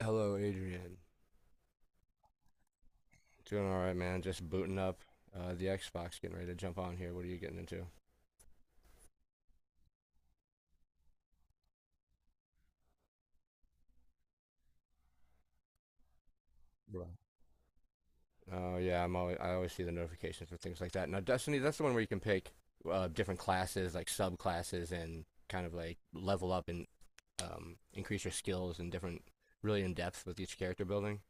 Hello, Adrian. Doing all right, man. Just booting up the Xbox, getting ready to jump on here. What are you getting into? Bro. Oh yeah, I always see the notifications for things like that. Now, Destiny, that's the one where you can pick different classes, like subclasses, and kind of like level up and increase your skills and different, really in depth with each character building.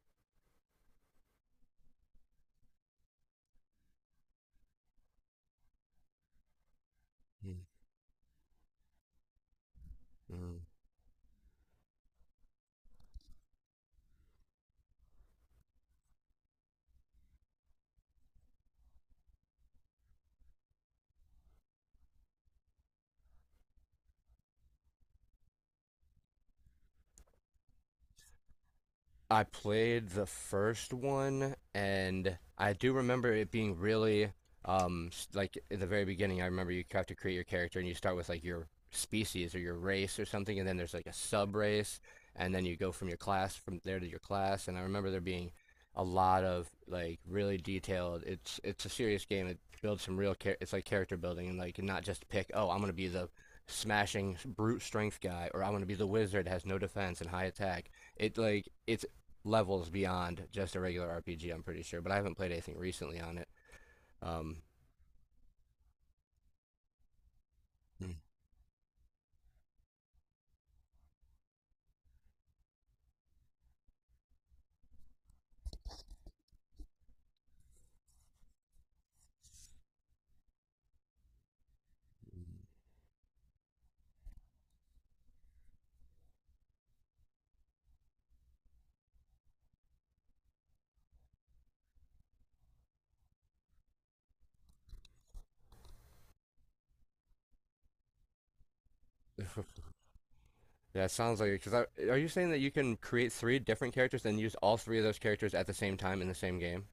Mm, mm. I played the first one, and I do remember it being really like in the very beginning. I remember you have to create your character, and you start with like your species or your race or something, and then there's like a sub race, and then you go from your class from there to your class. And I remember there being a lot of like really detailed. It's a serious game. It builds some real it's like character building, and like not just pick. Oh, I'm gonna be the smashing brute strength guy, or I'm gonna be the wizard has no defense and high attack it like it's levels beyond just a regular RPG. I'm pretty sure, but I haven't played anything recently on it. Um, that sounds like it. Because are you saying that you can create three different characters and use all three of those characters at the same time in the same game?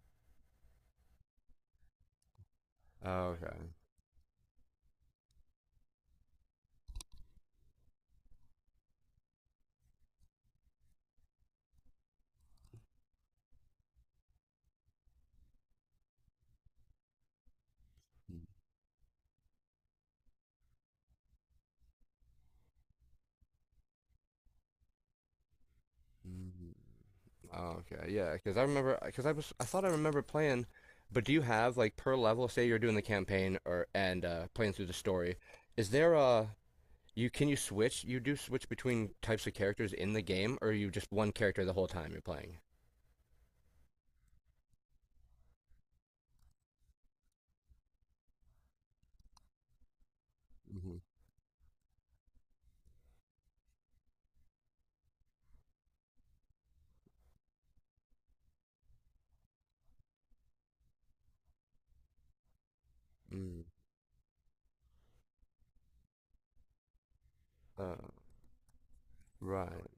Oh, okay. Mm, Okay, yeah. Because I remember, because I thought I remember playing. But do you have like per level? Say you're doing the campaign or and playing through the story. Is there a you can you switch? You do switch between types of characters in the game, or are you just one character the whole time you're playing? Mm-hmm. Mm. Uh, right.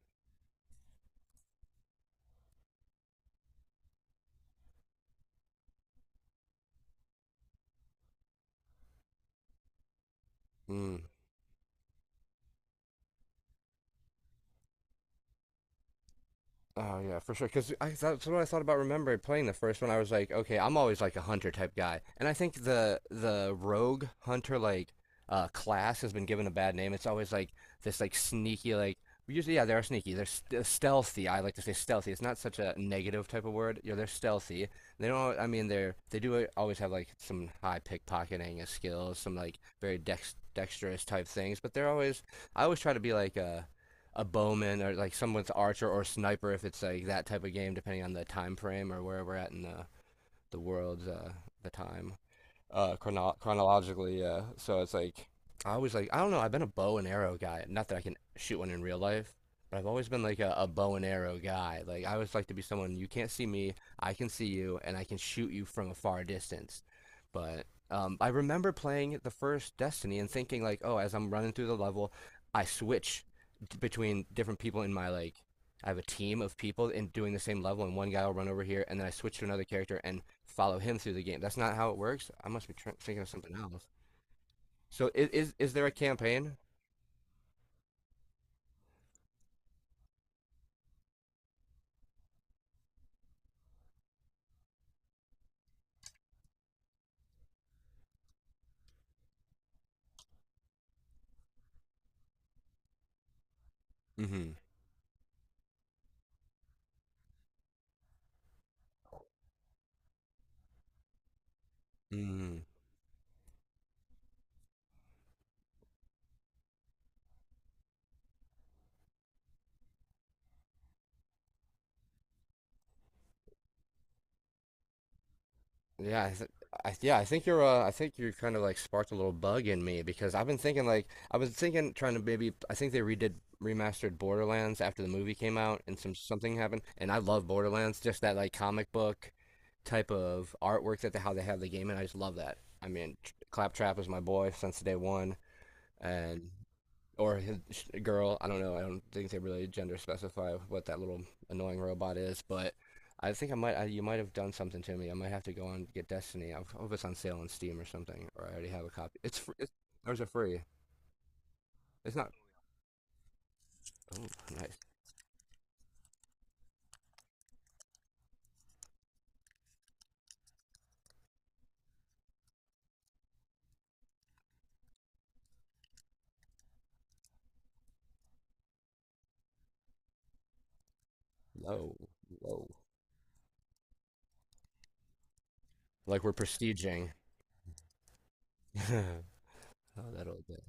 Mm. Oh yeah, for sure. Because I that's what I thought about. Remember playing the first one, I was like, okay, I'm always like a hunter type guy, and I think the rogue hunter like class has been given a bad name. It's always like this like sneaky like usually yeah they are sneaky. They're st stealthy. I like to say stealthy. It's not such a negative type of word. You know, they're stealthy. They don't. I mean, they do always have like some high pickpocketing skills, some like very dexterous type things, but they're always. I always try to be like a bowman or like someone's archer or sniper if it's like that type of game, depending on the time frame or where we're at in the world's the time chronologically. Yeah, so it's like I always like I don't know. I've been a bow and arrow guy. Not that I can shoot one in real life, but I've always been like a bow and arrow guy. Like I always like to be someone you can't see me, I can see you, and I can shoot you from a far distance. But I remember playing the first Destiny and thinking like, oh, as I'm running through the level, I switch between different people in my like. I have a team of people and doing the same level, and one guy will run over here, and then I switch to another character, and follow him through the game. That's not how it works. I must be tr thinking of something else. So is there a campaign? Mm-hmm. Mm-hmm. Yeah, I th yeah, I think you're I think you kind of like sparked a little bug in me because I've been thinking like I was thinking trying to maybe I think they redid remastered Borderlands after the movie came out and something happened and I love Borderlands just that like comic book type of artwork that they, how they have the game and I just love that. I mean, Claptrap is my boy since day one and or his girl. I don't know. I don't think they really gender specify what that little annoying robot is, but I think I might. You might have done something to me. I might have to go and get Destiny. I hope it's on sale on Steam or something, or I already have a copy. It's free. It's, There's a free? It's not. Oh, nice. Low, low. Like we're prestiging. oh, that old bit.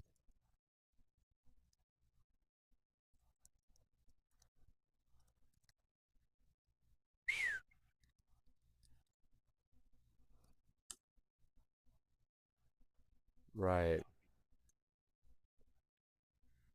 Right.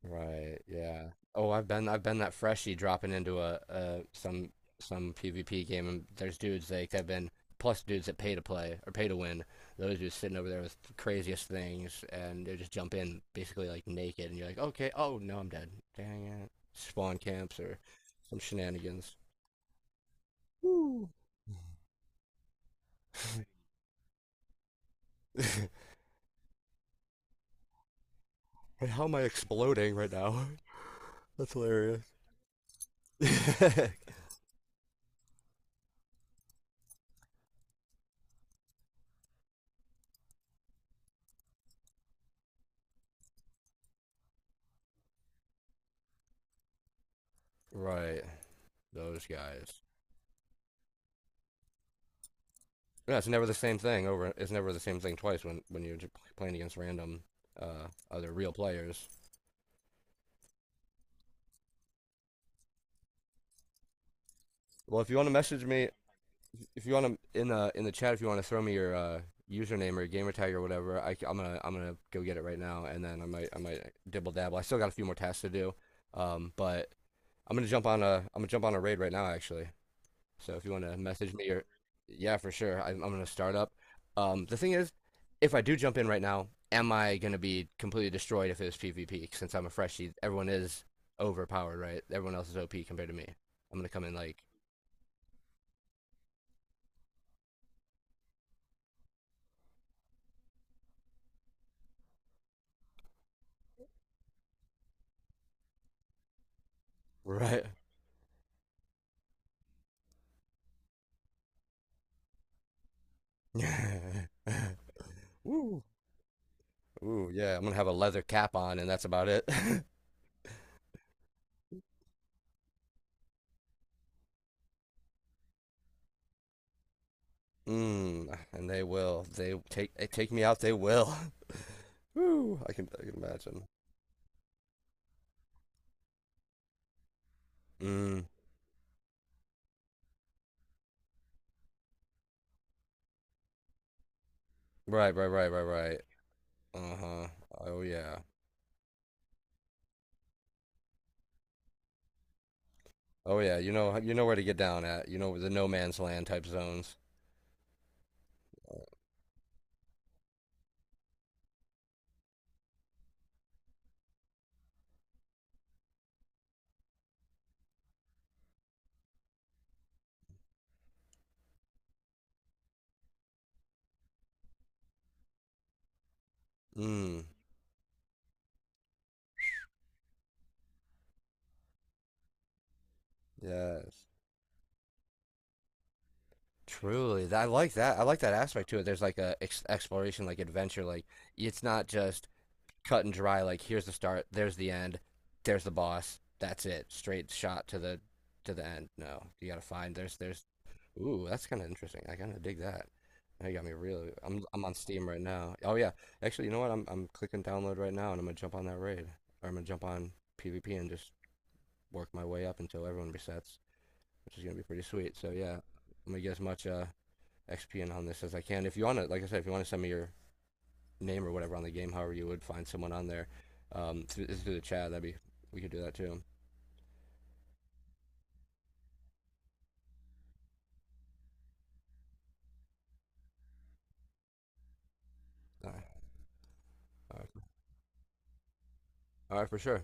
Right, yeah. Oh, I've been that freshie dropping into a some PvP game and there's dudes like that have been plus dudes that pay to play or pay to win. Those dudes sitting over there with the craziest things and they just jump in basically like naked and you're like, "Okay, oh no, I'm dead." Dang it. Spawn camps or some shenanigans. Woo. And how am I exploding right now? That's hilarious. Right. Those guys. No, it's never the same thing over. It's never the same thing twice when you're playing against random other real players. Well, if you want to message me, if you want to in the chat, if you want to throw me your username or your gamer tag or whatever, I'm gonna go get it right now, and then I might dibble dabble. I still got a few more tasks to do, but I'm gonna jump on a raid right now actually. So if you want to message me or yeah, for sure, I'm gonna start up. The thing is, if I do jump in right now, am I gonna be completely destroyed if it's PvP? Since I'm a freshie, everyone is overpowered, right? Everyone else is OP compared to me. I'm gonna come in like right. Woo. Ooh, yeah, I'm gonna have a leather cap on, and that's about it. Mm, and they will. They take me out. They will. Woo, I can imagine. Mm, right, right, right, right, right. Uh-huh. Oh yeah. Oh yeah. You know where to get down at. You know the no man's land type zones. Mm. Yes. Truly. I like that. I like that aspect to it. There's like a ex exploration, like adventure. Like it's not just cut and dry. Like here's the start. There's the end. There's the boss. That's it. Straight shot to the end. No, you gotta find. There's Ooh, that's kind of interesting. I kind of dig that. Now you got me really. I'm on Steam right now. Oh yeah, actually, you know what? I'm clicking download right now, and I'm gonna jump on that raid, or I'm gonna jump on PvP and just work my way up until everyone resets, which is gonna be pretty sweet. So yeah, I'm gonna get as much XP in on this as I can. If you wanna, like I said, if you wanna send me your name or whatever on the game, however you would find someone on there, through the chat, that'd be we could do that too. All right, all right, all right for sure.